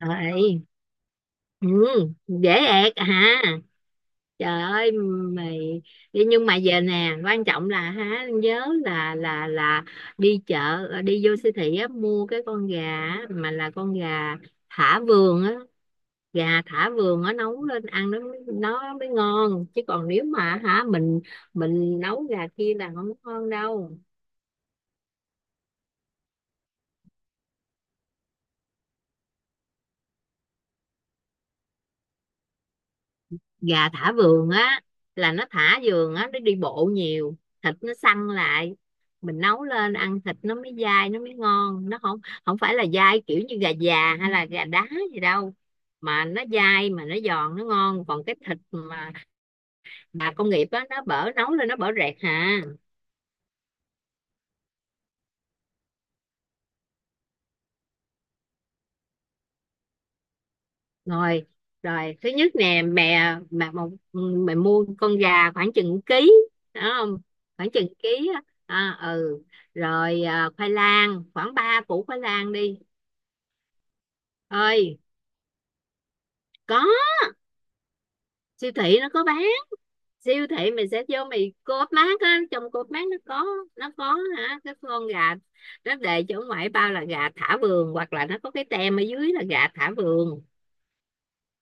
Rồi. Ừ, dễ ẹc hả? Trời ơi mày đi nhưng mà về nè, quan trọng là hả nhớ là đi chợ, đi vô siêu thị á mua cái con gà á, mà là con gà thả vườn á, gà thả vườn á nấu lên ăn nó nó mới ngon, chứ còn nếu mà hả mình nấu gà kia là không ngon đâu. Gà thả vườn á là nó thả vườn á, nó đi bộ nhiều, thịt nó săn lại, mình nấu lên ăn thịt nó mới dai, nó mới ngon, nó không không phải là dai kiểu như gà già hay là gà đá gì đâu, mà nó dai mà nó giòn, nó ngon. Còn cái thịt mà công nghiệp á nó bở, nấu lên nó bở rẹt hà. Rồi rồi thứ nhất nè, mẹ mẹ một, mẹ mua con gà khoảng chừng ký đó không? Khoảng chừng ký á. Ừ rồi, khoai lang khoảng 3 củ khoai lang đi. Ơi có, siêu thị nó có bán. Siêu thị mình sẽ vô mày, co-op mart á, trong co-op mart nó có, hả, cái con gà nó đề cho ở ngoài bao là gà thả vườn, hoặc là nó có cái tem ở dưới là gà thả vườn.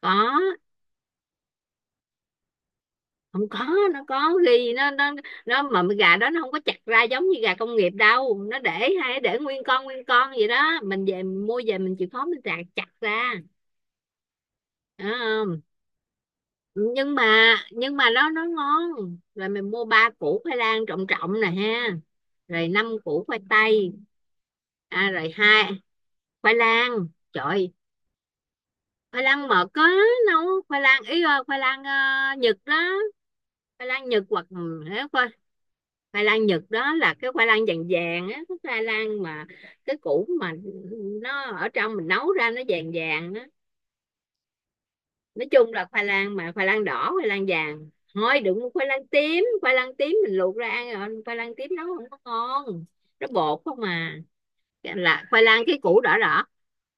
Có. Không, có nó có ghi. Nó mà gà đó nó không có chặt ra giống như gà công nghiệp đâu, nó để, hay để nguyên con vậy đó, mình về mình mua về mình chịu khó mình chặt chặt ra. Đó không? Nhưng mà, nó ngon. Rồi mình mua ba củ khoai lang trọng trọng nè ha, rồi năm củ khoai tây. Rồi hai, khoai lang, trời. Khoai lang mật có, nấu khoai lang ý, khoai lang, Nhật đó. Khoai lang Nhật, hoặc khoai, khoai lang Nhật đó là cái khoai lang vàng vàng á, cái khoai lang mà cái củ mà nó ở trong mình nấu ra nó vàng vàng á. Nói chung là khoai lang, mà khoai lang đỏ, khoai lang vàng thôi, đừng mua khoai lang tím, khoai lang tím mình luộc ra ăn rồi, khoai lang tím nấu không có ngon, nó bột không mà. Là khoai lang cái củ đỏ đỏ.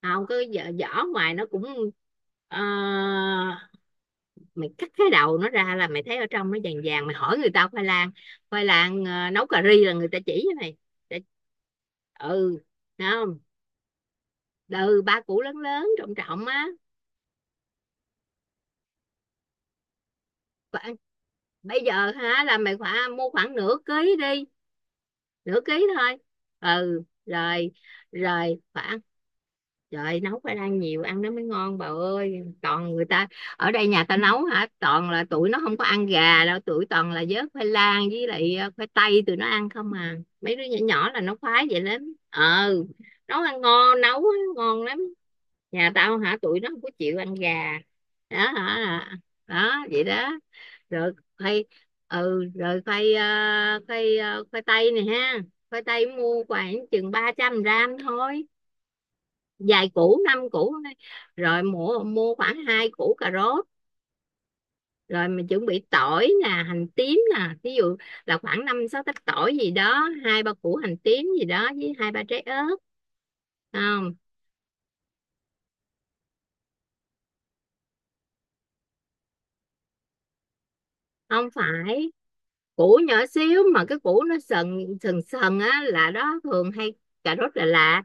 Không cái vỏ, vỏ ngoài nó cũng, ờ, mày cắt cái đầu nó ra là mày thấy ở trong nó vàng vàng, mày hỏi người ta khoai lang, khoai lang nấu cà ri là người ta chỉ với mày. Để- ừ, thấy không? Ừ, ba củ lớn lớn trọng trọng á. Khoảng- bây giờ hả là mày phải mua khoảng nửa ký đi, nửa ký thôi. Ừ rồi rồi khoảng, trời, nấu phải ăn nhiều, ăn nó mới ngon bà ơi. Toàn người ta ở đây nhà ta nấu hả, toàn là tụi nó không có ăn gà đâu, tụi toàn là vớt khoai lang với lại khoai tây, tụi nó ăn không à. Mấy đứa nhỏ nhỏ là nó khoái vậy lắm, ờ. Nấu ăn ngon, nấu á ngon lắm. Nhà tao hả tụi nó không có chịu ăn gà đó hả, đó vậy đó. Rồi khoai, ừ rồi khoai ờ, khoai tây này ha. Khoai tây mua khoảng chừng 300 gram thôi, vài củ, năm củ thôi. Rồi mua mua khoảng hai củ cà rốt. Rồi mình chuẩn bị tỏi nè, hành tím nè, ví dụ là khoảng năm sáu tép tỏi gì đó, hai ba củ hành tím gì đó, với hai ba trái ớt. Không, không phải củ nhỏ xíu, mà cái củ nó sần sần sần á là đó, thường hay cà rốt Đà Lạt.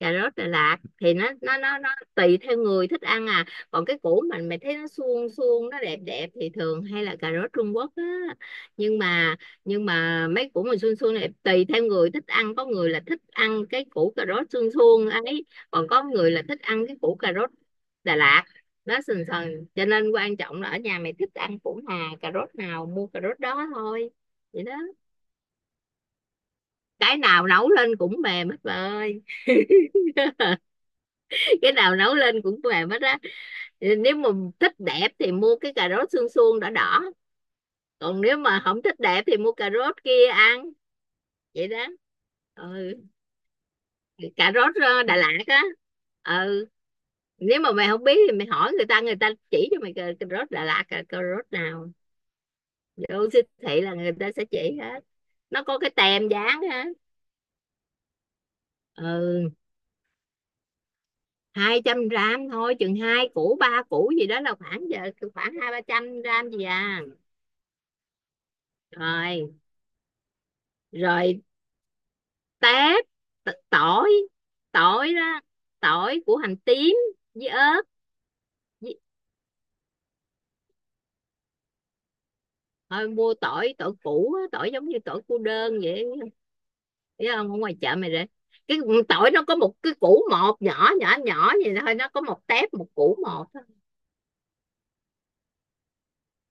Cà rốt Đà Lạt thì nó tùy theo người thích ăn à. Còn cái củ mình mày thấy nó suông suông, nó đẹp đẹp thì thường hay là cà rốt Trung Quốc á. Nhưng mà, mấy củ mà suông suông này tùy theo người thích ăn, có người là thích ăn cái củ cà rốt suông suông ấy, còn có người là thích ăn cái củ cà rốt Đà Lạt nó sần sần, cho nên quan trọng là ở nhà mày thích ăn củ nào, cà rốt nào mua cà rốt đó thôi. Vậy đó. Cái nào nấu lên cũng mềm hết bà ơi. Cái nào nấu lên cũng mềm hết á. Nếu mà thích đẹp thì mua cái cà rốt xương suông đỏ đỏ, còn nếu mà không thích đẹp thì mua cà rốt kia ăn. Vậy đó. Ừ. Cà rốt, Đà Lạt á. Ừ, nếu mà mày không biết thì mày hỏi người ta, người ta chỉ cho mày, cà rốt Đà Lạt, cà rốt nào vô siêu thị là người ta sẽ chỉ hết, nó có cái tem dán á. Ừ, 200 gram thôi, chừng hai củ ba củ gì đó là khoảng giờ, khoảng hai ba trăm gram gì à. Rồi. Rồi tép tỏi, tỏi đó, tỏi của hành tím với ớt. Thôi mua tỏi, củ tỏi giống như tỏi cô đơn vậy, thấy không, ở ngoài chợ mày rồi. Cái tỏi nó có một cái củ một nhỏ nhỏ nhỏ vậy thôi, nó có một tép một củ một thôi.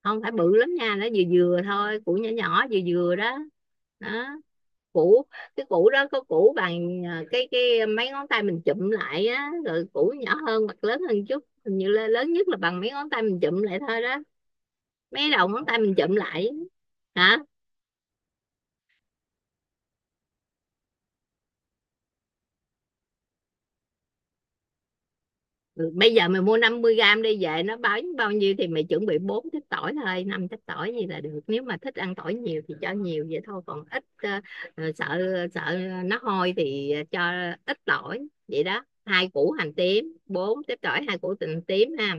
Không phải bự lắm nha, nó vừa vừa thôi, củ nhỏ nhỏ vừa vừa đó, đó. Củ, cái củ đó có củ bằng, cái mấy ngón tay mình chụm lại á, rồi củ nhỏ hơn hoặc lớn hơn chút, hình như là lớn nhất là bằng mấy ngón tay mình chụm lại thôi đó. Mấy đầu ngón tay mình chụm lại. Hả. Ừ, bây giờ mày mua 50 gram đi, về nó bao bao nhiêu thì mày chuẩn bị bốn trái tỏi thôi, năm trái tỏi gì là được, nếu mà thích ăn tỏi nhiều thì cho nhiều vậy thôi, còn ít, sợ, sợ nó hôi thì cho ít tỏi vậy đó, hai củ hành tím bốn trái tỏi, hai củ hành tím ha.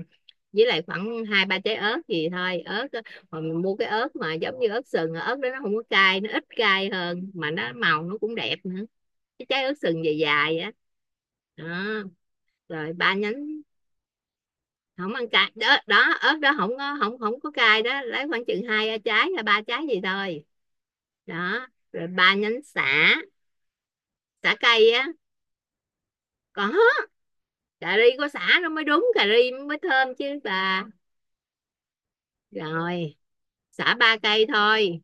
Với lại khoảng hai ba trái ớt gì thôi, ớt mà mình mua cái ớt mà giống như ớt sừng, ớt đó nó không có cay, nó ít cay hơn mà nó màu nó cũng đẹp nữa, cái trái ớt sừng dài dài á. Đó. Đó, rồi ba nhánh. Không ăn cay đó, đó ớt đó không có, không không có cay đó, lấy khoảng chừng hai trái hay ba trái gì thôi. Đó, rồi ba nhánh sả, sả cây á. Có, cà ri có sả nó mới đúng cà ri, mới thơm chứ bà. Rồi sả ba cây thôi.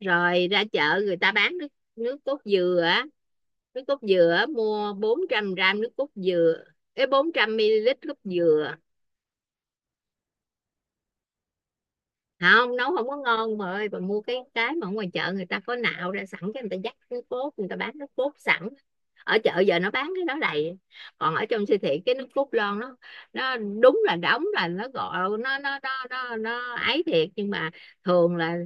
Rồi ra chợ người ta bán nước, nước cốt dừa á, nước cốt dừa á, mua 400 gram nước cốt dừa, cái 400 ml nước cốt dừa. Không nấu không có ngon mà, ơi bà, mua cái, mà ở ngoài chợ người ta có nạo ra sẵn, cái người ta dắt cái cốt, người ta bán nước cốt sẵn, ở chợ giờ nó bán cái đó đầy. Còn ở trong siêu thị cái nước cốt lon nó đúng là đóng, là nó gọi nó ấy thiệt, nhưng mà thường là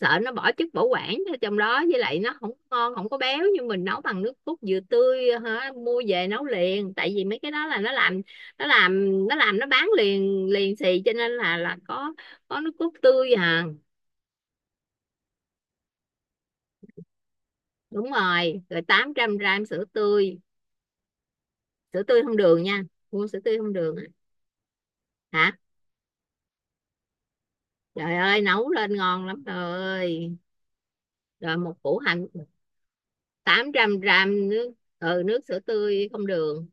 sợ nó bỏ chất bảo quản ở trong đó, với lại nó không ngon, không có béo. Nhưng mình nấu bằng nước cốt dừa tươi hả, mua về nấu liền, tại vì mấy cái đó là nó làm, nó làm nó bán liền liền xì, cho nên là có, nước cốt tươi à. Đúng rồi. Rồi 800 gram sữa tươi, sữa tươi không đường nha, mua sữa tươi không đường. Hả, trời ơi nấu lên ngon lắm, trời ơi. Rồi một củ hành. 800 gram nước, ừ, nước sữa tươi không đường.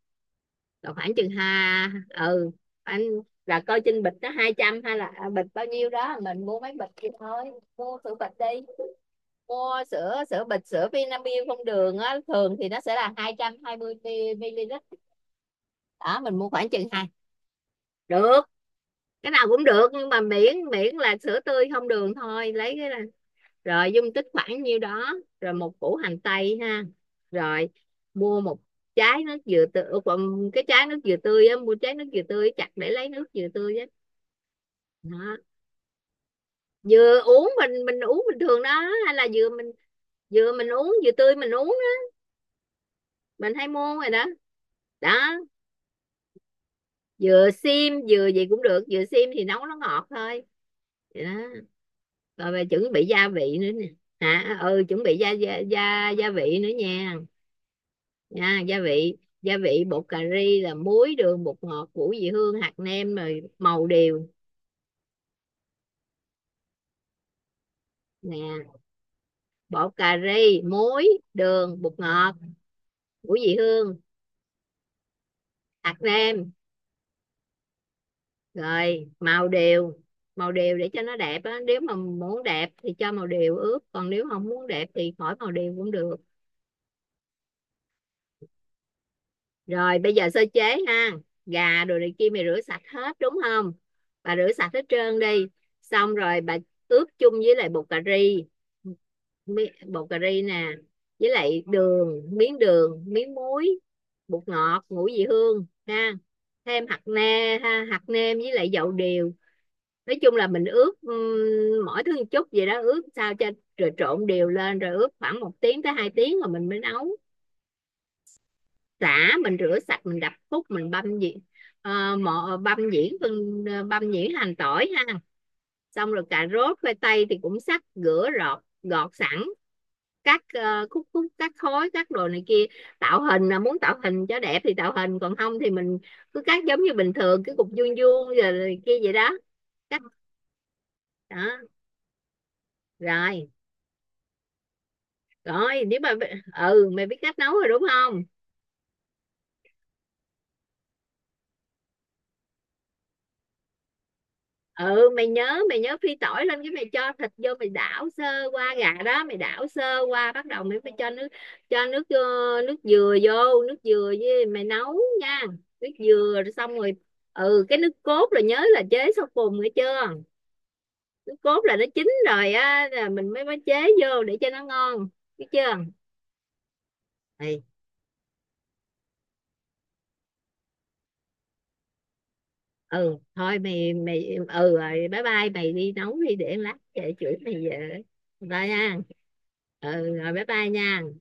Rồi khoảng chừng ha, ừ, anh là coi trên bịch nó 200 hay là, bịch bao nhiêu đó mình mua mấy bịch thì thôi, mua sữa bịch đi, mua sữa sữa bịch sữa Vinamilk không đường á, thường thì nó sẽ là 220 ml đó, mình mua khoảng chừng hai, được, cái nào cũng được, nhưng mà miễn miễn là sữa tươi không đường thôi, lấy cái là rồi, dung tích khoảng nhiêu đó. Rồi một củ hành tây ha. Rồi mua một trái nước dừa tươi, cái trái nước dừa tươi á, mua trái nước dừa tươi chặt để lấy nước dừa tươi á. Đó. Dừa uống mình uống bình thường đó, hay là dừa mình, dừa mình uống, dừa tươi mình uống đó. Mình hay mua rồi đó. Đó, dừa xiêm dừa gì cũng được, dừa xiêm thì nấu nó ngọt thôi. Vậy đó. Rồi về chuẩn bị gia vị nữa nè. Hả, ừ, chuẩn bị gia vị nữa nha nha. Gia vị, bột cà ri là muối, đường, bột ngọt, củ vị hương, hạt nêm, rồi màu điều. Nè, bột cà ri, muối, đường, bột ngọt, củ vị hương, hạt nêm, rồi màu điều. Màu điều để cho nó đẹp á, nếu mà muốn đẹp thì cho màu điều ướp, còn nếu không muốn đẹp thì khỏi màu điều cũng được. Rồi bây giờ sơ chế ha, gà đồ này kia mày rửa sạch hết đúng không, bà rửa sạch hết trơn đi. Xong rồi bà ướp chung với lại bột cà ri, bột cà ri nè, với lại đường, miếng đường, miếng muối, bột ngọt, ngũ vị hương ha, thêm hạt nêm ha, hạt nêm với lại dầu điều. Nói chung là mình ướp, mỗi thứ một chút vậy đó, ướp sao cho rồi, trộn đều lên, rồi ướp khoảng một tiếng tới hai tiếng rồi mình mới nấu. Xả mình rửa sạch, mình đập khúc, mình băm nhuyễn, ờ, băm nhuyễn phân, băm nhuyễn hành tỏi ha. Xong rồi cà rốt khoai tây thì cũng sắc, rửa rọt, gọt sẵn, cắt, khúc khúc, cắt khối, cắt đồ này kia, tạo hình, là muốn tạo hình cho đẹp thì tạo hình, còn không thì mình cứ cắt giống như bình thường, cái cục vuông vuông rồi kia vậy đó, cắt. Đó. Rồi. Rồi nếu mà, ừ, mày biết cách nấu rồi đúng không. Ừ, mày nhớ, phi tỏi lên cái mày cho thịt vô, mày đảo sơ qua, gà đó mày đảo sơ qua, bắt đầu mày phải cho nước, cho nước ờ, nước dừa vô, nước dừa với mày nấu nha, nước dừa, rồi xong rồi. Ừ, cái nước cốt là nhớ là chế sau cùng nghe chưa, nước cốt là nó chín rồi á là mình mới mới chế vô để cho nó ngon, biết chưa. Mày, ừ thôi mày, ừ rồi bye bye, mày đi nấu đi, để lát về chửi mày về. Bye nha. Ừ rồi, bye bye nha.